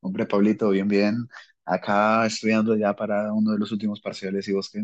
Hombre, Pablito, bien, bien. Acá estudiando ya para uno de los últimos parciales y vos qué.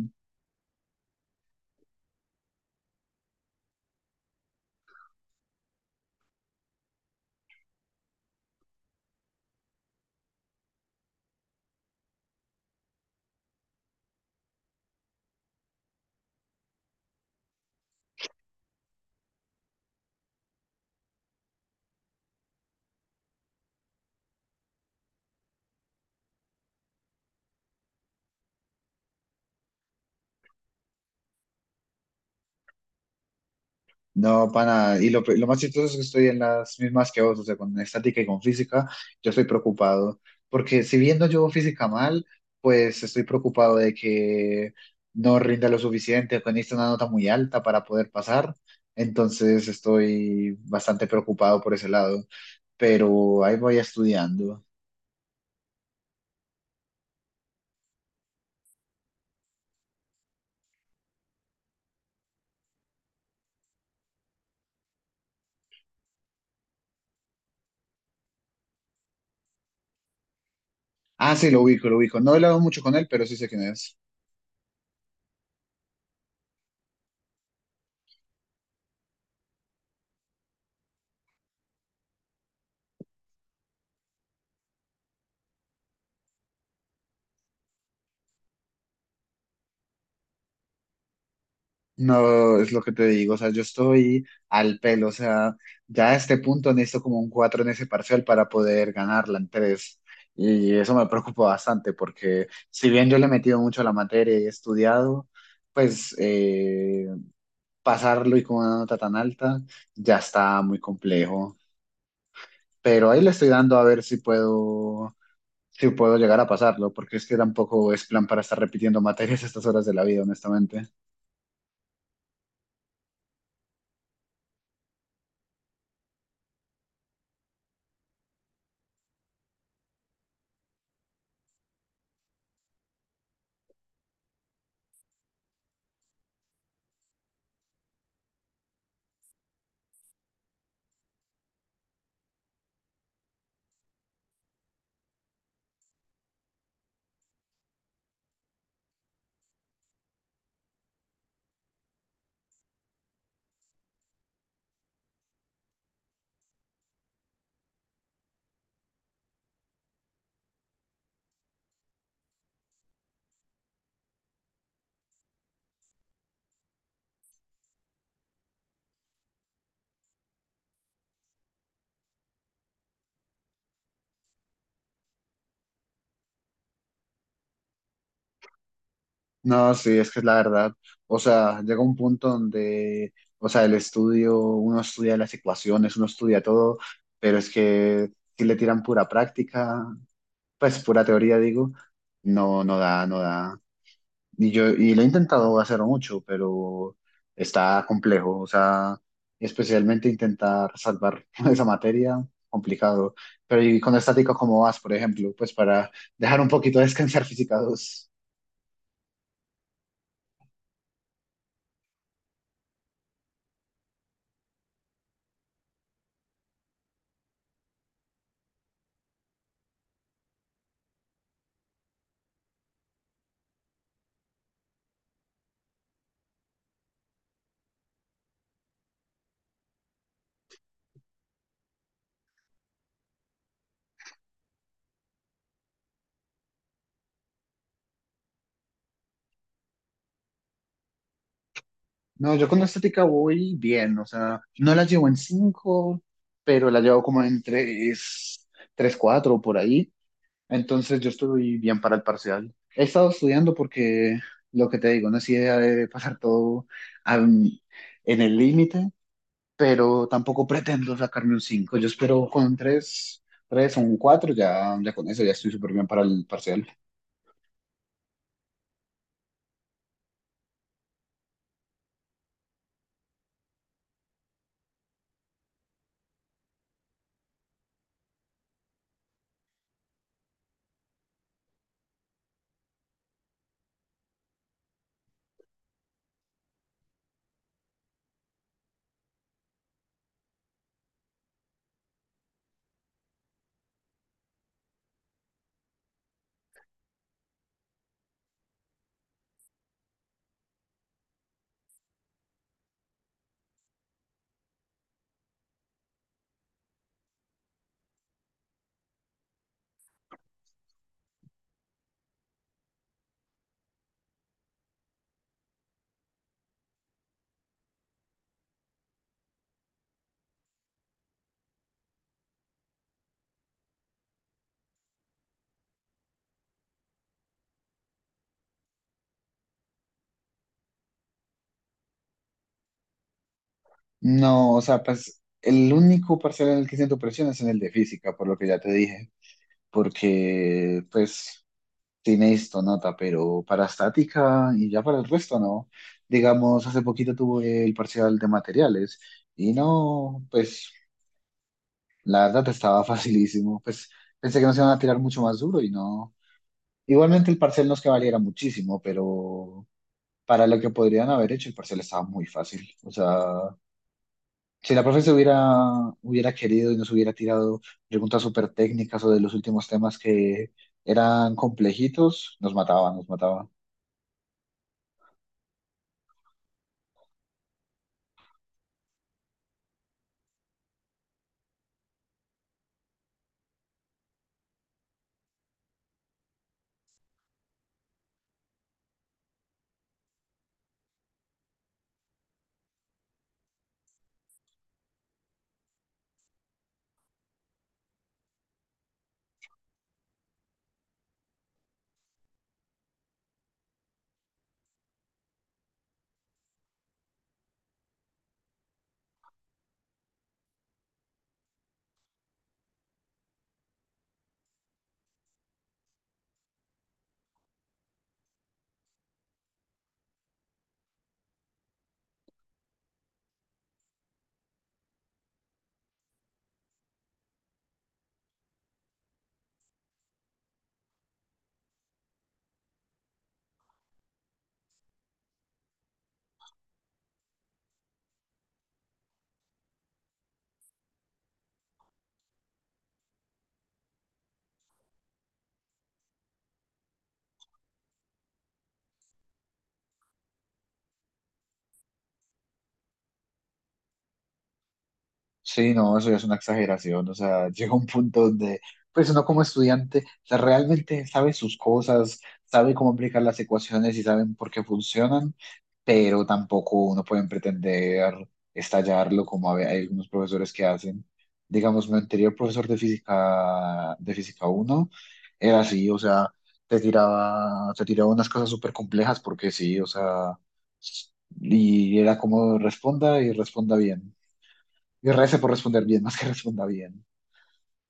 No, pana, y lo más chistoso es que estoy en las mismas que vos, o sea, con estática y con física, yo estoy preocupado, porque si bien no llevo física mal, pues estoy preocupado de que no rinda lo suficiente, que necesito una nota muy alta para poder pasar, entonces estoy bastante preocupado por ese lado, pero ahí voy estudiando. Ah, sí, lo ubico, lo ubico. No he hablado mucho con él, pero sí sé quién es. No, es lo que te digo, o sea, yo estoy al pelo, o sea, ya a este punto necesito como un 4 en ese parcial para poder ganarla en tres. Y eso me preocupa bastante porque si bien yo le he metido mucho a la materia y he estudiado, pues pasarlo y con una nota tan alta ya está muy complejo. Pero ahí le estoy dando a ver si puedo, si puedo llegar a pasarlo, porque es que tampoco es plan para estar repitiendo materias a estas horas de la vida, honestamente. No, sí, es que es la verdad. O sea, llega un punto donde, o sea, el estudio, uno estudia las ecuaciones, uno estudia todo, pero es que si le tiran pura práctica, pues pura teoría, digo, no, no da, no da. Y yo, y lo he intentado hacer mucho, pero está complejo. O sea, especialmente intentar salvar esa materia, complicado. Pero y con estática, ¿cómo vas, por ejemplo? Pues para dejar un poquito descansar física 2. No, yo con la estética voy bien, o sea, no la llevo en 5, pero la llevo como en 3, 3 4 por ahí. Entonces yo estoy bien para el parcial. He estado estudiando porque, lo que te digo, no es idea de pasar todo am, en el límite, pero tampoco pretendo sacarme un 5. Yo espero con 3, 3 o un 4, ya, ya con eso ya estoy súper bien para el parcial. No, o sea, pues el único parcial en el que siento presión es en el de física, por lo que ya te dije. Porque pues sí necesito nota, pero para estática y ya para el resto no. Digamos, hace poquito tuve el parcial de materiales y no, pues la verdad estaba facilísimo, pues pensé que nos iban a tirar mucho más duro y no. Igualmente el parcial no es que valiera muchísimo, pero para lo que podrían haber hecho el parcial estaba muy fácil, o sea, si la profe hubiera querido y nos hubiera tirado preguntas súper técnicas o de los últimos temas que eran complejitos, nos mataba, nos mataba. Sí, no, eso ya es una exageración, o sea, llega un punto donde, pues uno como estudiante, o sea, realmente sabe sus cosas, sabe cómo aplicar las ecuaciones y saben por qué funcionan, pero tampoco uno puede pretender estallarlo como hay algunos profesores que hacen. Digamos, mi anterior profesor de física, de física 1, era así, o sea, te tiraba unas cosas súper complejas porque sí, o sea, y era como responda y responda bien. Y rece por responder bien, más que responda bien.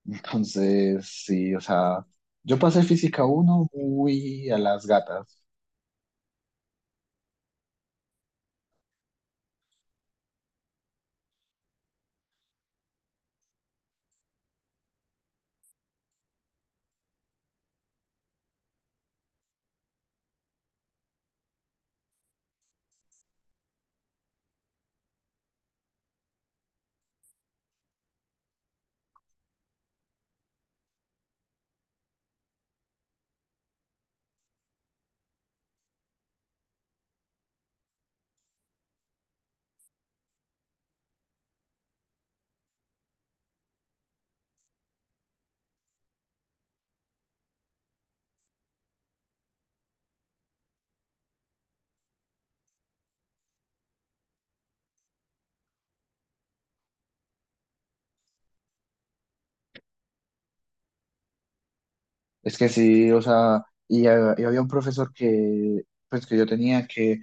Entonces, sí, o sea, yo pasé física 1 muy a las gatas. Es que sí, o sea, y había un profesor que, pues, que yo tenía que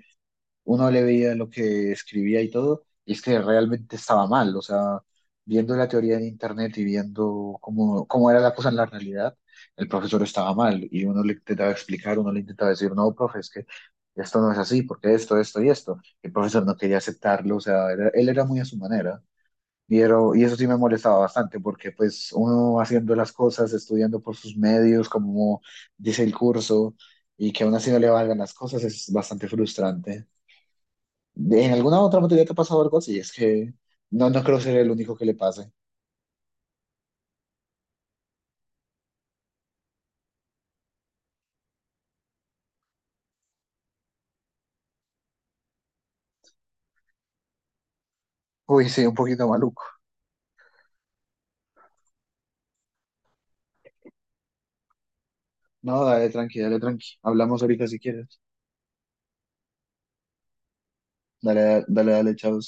uno le veía lo que escribía y todo, y es que realmente estaba mal, o sea, viendo la teoría en internet y viendo cómo era la cosa en la realidad, el profesor estaba mal, y uno le intentaba explicar, uno le intentaba decir, no, profe, es que esto no es así, porque esto y esto. El profesor no quería aceptarlo, o sea, él era muy a su manera. Y, y eso sí me molestaba bastante porque pues uno haciendo las cosas, estudiando por sus medios, como dice el curso, y que aún así no le valgan las cosas, es bastante frustrante. ¿En alguna otra materia te ha pasado algo así? Es que no, no creo ser el único que le pase. Uy, sí, un poquito maluco. No, dale, tranqui, dale, tranqui. Hablamos ahorita si quieres. Dale, dale, dale, chao.